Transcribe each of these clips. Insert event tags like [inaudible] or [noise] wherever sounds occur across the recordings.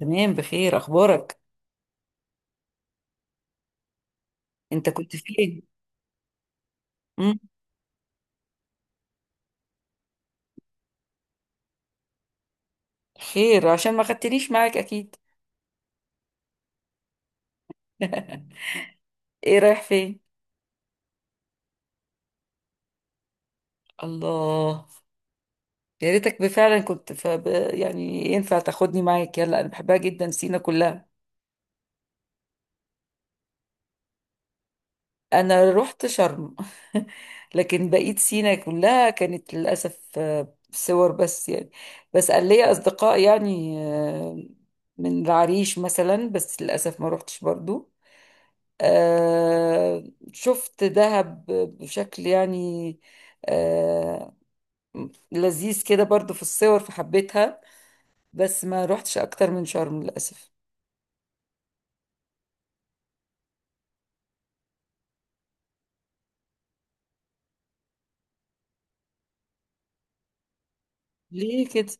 تمام، بخير. اخبارك؟ انت كنت فين؟ امم. خير؟ عشان ما خدتنيش معاك اكيد. [laughs] ايه، رايح فين؟ الله. يا ريتك فعلا كنت يعني ينفع تاخدني معاك؟ يلا انا بحبها جدا، سينا كلها. انا رحت شرم. [laughs] لكن بقيت سينا كلها كانت للاسف صور بس يعني. بس قال لي اصدقاء يعني من العريش مثلا، بس للاسف ما رحتش برضو. آه شفت دهب بشكل يعني آه لذيذ كده برضو في الصور فحبيتها. بس ما روحتش اكتر من شرم للاسف. ليه كده؟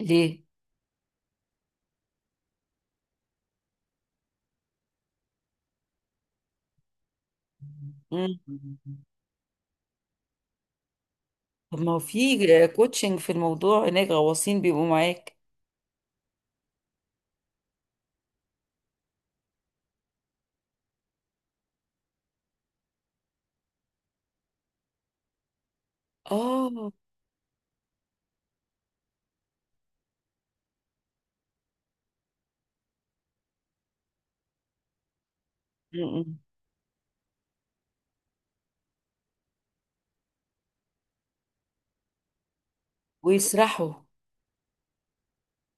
ليه؟ مم. طب ما هو في كوتشنج في الموضوع، هناك غواصين بيبقوا معاك؟ اه. مم. ويسرحوا.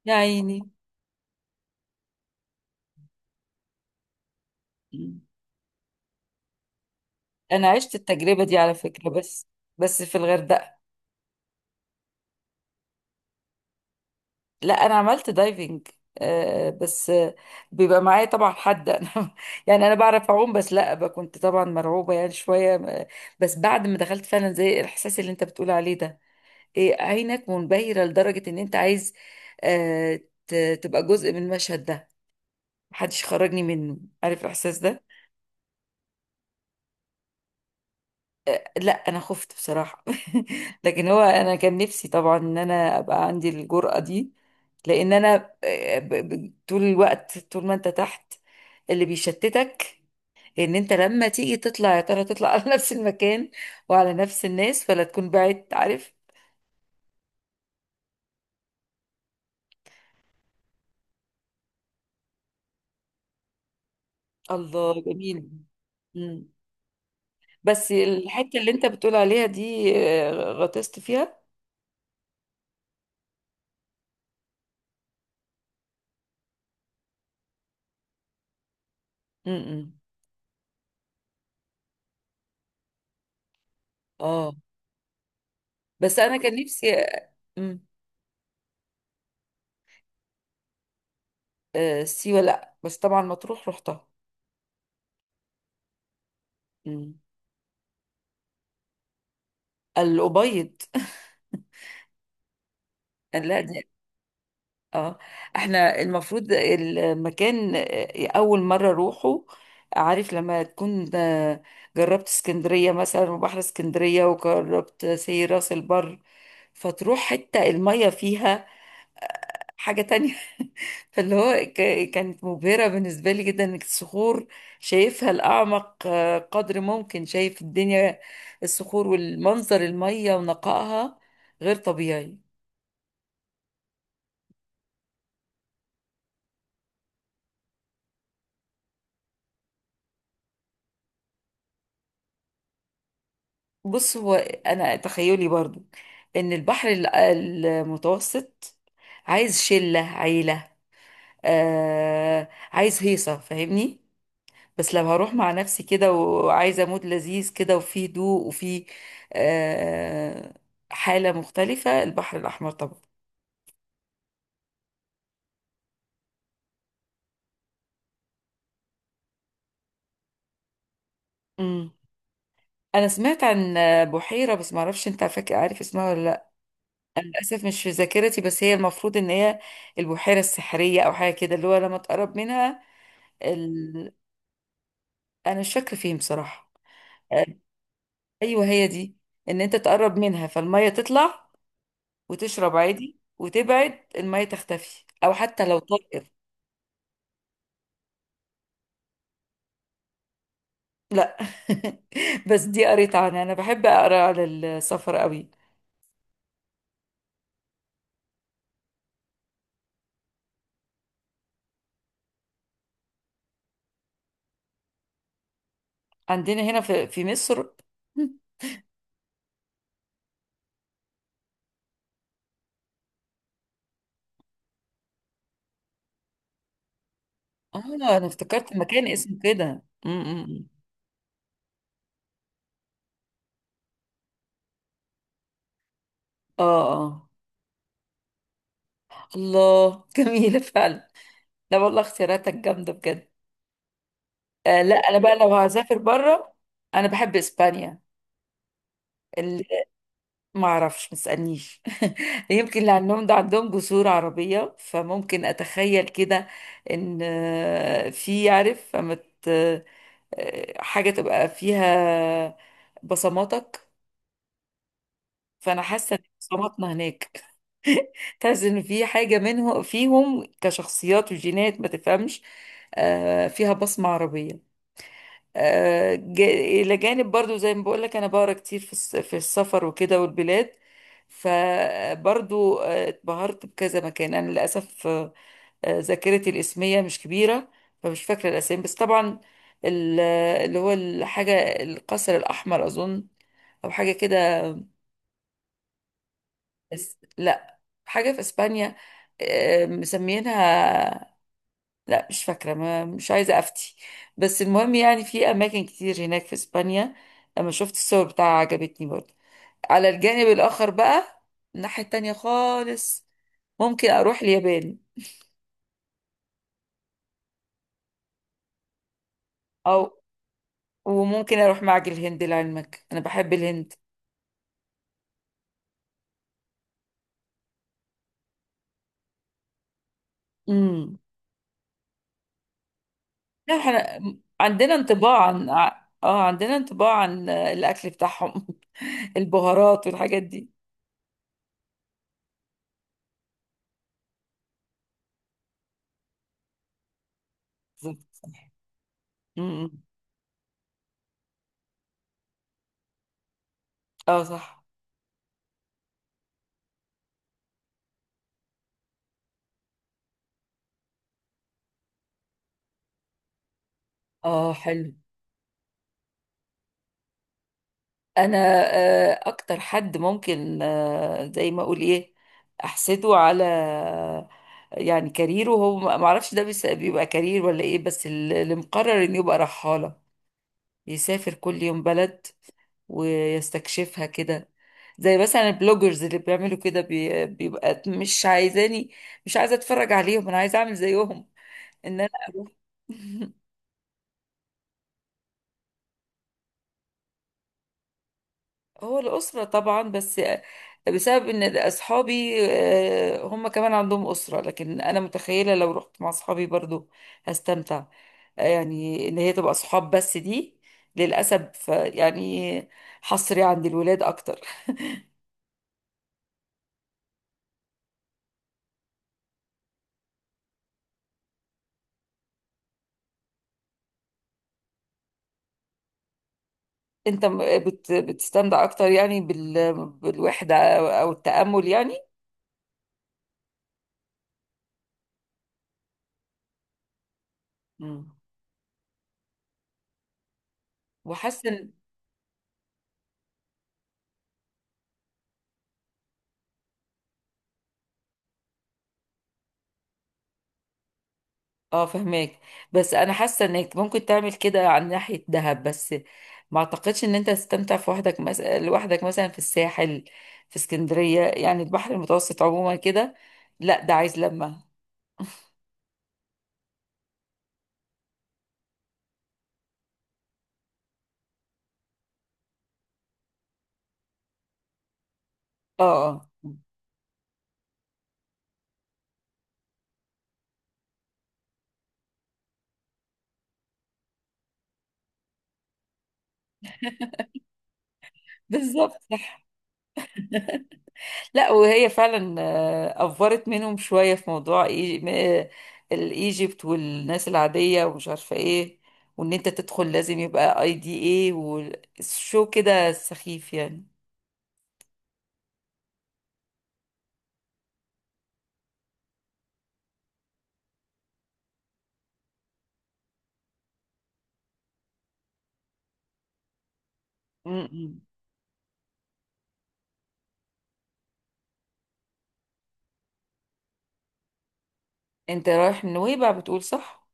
يا عيني. مم. انا عشت التجربة دي على فكرة، بس في الغردقة. لا، انا عملت دايفنج. بس بيبقى معايا طبعا حد. [laughs] انا يعني انا بعرف اعوم، بس لا كنت طبعا مرعوبه يعني شويه بس بعد ما دخلت فعلا زي الاحساس اللي انت بتقول عليه ده، إيه؟ عينك منبهره لدرجه ان انت عايز آه تبقى جزء من المشهد ده. محدش خرجني منه. عارف الاحساس ده؟ لا، انا خفت بصراحه. [laughs] لكن هو انا كان نفسي طبعا ان انا ابقى عندي الجرأة دي، لان انا طول الوقت، طول ما انت تحت اللي بيشتتك ان انت لما تيجي تطلع، يا ترى تطلع على [laughs] نفس المكان وعلى نفس الناس ولا تكون بعدت، عارف؟ الله، جميل. مم. بس الحته اللي انت بتقول عليها دي غطست فيها. امم. اه، بس انا كان نفسي مم. سيوه؟ لا، بس طبعا مطروح رحتها. مم. الأبيض. [laughs] لا دي. اه. احنا المفروض المكان أول مرة أروحه. عارف لما تكون جربت اسكندرية مثلا، وبحر اسكندرية، وجربت سي راس البر، فتروح حتة المية فيها حاجة تانية. [laughs] فاللي هو كانت مبهرة بالنسبة لي جدا، انك الصخور شايفها الأعمق قدر ممكن، شايف الدنيا، الصخور والمنظر، المية ونقائها، غير طبيعي. بص، هو انا تخيلي برضو ان البحر المتوسط عايز شلة عيلة. عايز هيصة، فاهمني؟ بس لو هروح مع نفسي كده وعايزة مود لذيذ كده وفيه هدوء وفيه آه حالة مختلفة، البحر الأحمر طبعا. امم. انا سمعت عن بحيرة، بس معرفش، انت فاكر عارف اسمها ولا لا؟ انا للاسف مش في ذاكرتي، بس هي المفروض ان هي البحيرة السحرية او حاجة كده، اللي هو لما تقرب منها. انا مش فاكره فين بصراحه. آه، ايوه، هي دي. ان انت تقرب منها فالميه تطلع وتشرب عادي، وتبعد الميه تختفي، او حتى لو طائر. لا. [laughs] بس دي قريت عنها، انا بحب اقرا على السفر قوي. عندنا هنا في مصر. [laughs] اه. انا افتكرت مكان اسمه كده م- م- م. اه، اه. الله. [laughs] جميله فعلا. لا والله، اختياراتك جامده بجد. لا، انا بقى لو هسافر بره انا بحب اسبانيا. ما اعرفش، ما تسالنيش. [laughs] يمكن اللي عندهم ده عندهم جسور عربية، فممكن اتخيل كده ان في، عارف، حاجة تبقى فيها بصماتك. فانا حاسة ان بصماتنا هناك. [laughs] تحس ان في حاجة منهم فيهم، كشخصيات وجينات ما تفهمش فيها بصمة عربية. آه، جا- إلى جانب برضو زي ما بقولك، أنا بقرا كتير في السفر وكده والبلاد. فبرضو اتبهرت بكذا مكان. أنا للأسف ذاكرتي الاسمية مش كبيرة، فمش فاكرة الأسامي. بس طبعا ال- اللي هو الحاجة، القصر الأحمر أظن، أو حاجة كده. بس لا، حاجة في إسبانيا مسمينها، لا مش فاكرة، ما مش عايزة أفتي. بس المهم يعني في أماكن كتير هناك في إسبانيا. أما شفت الصور بتاعها عجبتني برضه، على الجانب الآخر بقى، الناحية التانية خالص. ممكن أروح اليابان، أو وممكن أروح معجل الهند، لعلمك أنا بحب الهند. امم. لا، احنا عندنا انطباع عن ع- اه، عندنا انطباع عن الأكل بتاعهم. [laughs] البهارات والحاجات دي. بالظبط صح. امم. اه صح. اه حلو. انا اكتر حد ممكن زي ما اقول ايه، احسده على، يعني كاريره. هو ما اعرفش ده بيبقى كارير ولا ايه، بس اللي مقرر انه يبقى رحالة، يسافر كل يوم بلد ويستكشفها كده. زي مثلا البلوجرز اللي بيعملوا كده بيبقى مش عايزاني، مش عايزة اتفرج عليهم، انا عايزة اعمل زيهم، ان انا اروح. [laughs] هو الأسرة طبعا، بس بسبب إن أصحابي هم كمان عندهم أسرة، لكن أنا متخيلة لو رحت مع أصحابي برضو هستمتع. يعني إن هي تبقى أصحاب، بس دي للأسف يعني حصري عند الولاد أكتر. أنت بتستمتع أكتر يعني بالوحدة أو التأمل يعني؟ مم. وحاسة إن اه، فهماك. بس انا حاسه انك ممكن تعمل كده عن ناحيه دهب، بس ما اعتقدش ان انت تستمتع في وحدك مثلا، لوحدك مثلا، في الساحل، في اسكندريه يعني، البحر المتوسط عموما كده. لا ده عايز لمه. اه، اه. بالظبط صح. لا وهي فعلا افورت منهم شويه في موضوع م- آه، الايجيبت والناس العاديه ومش عارفه ايه، وان انت تدخل لازم يبقى ID ايه والشو كده، سخيف يعني. م- م. انت رايح من نويبع، بتقول، صح؟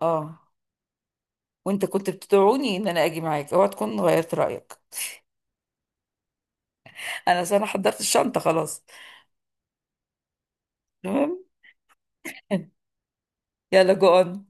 اه. وانت كنت بتدعوني ان انا اجي معاك، اوعى تكون غيرت رايك. انا أصل انا حضرت الشنطه خلاص. المهم. [laughs] يلا جو.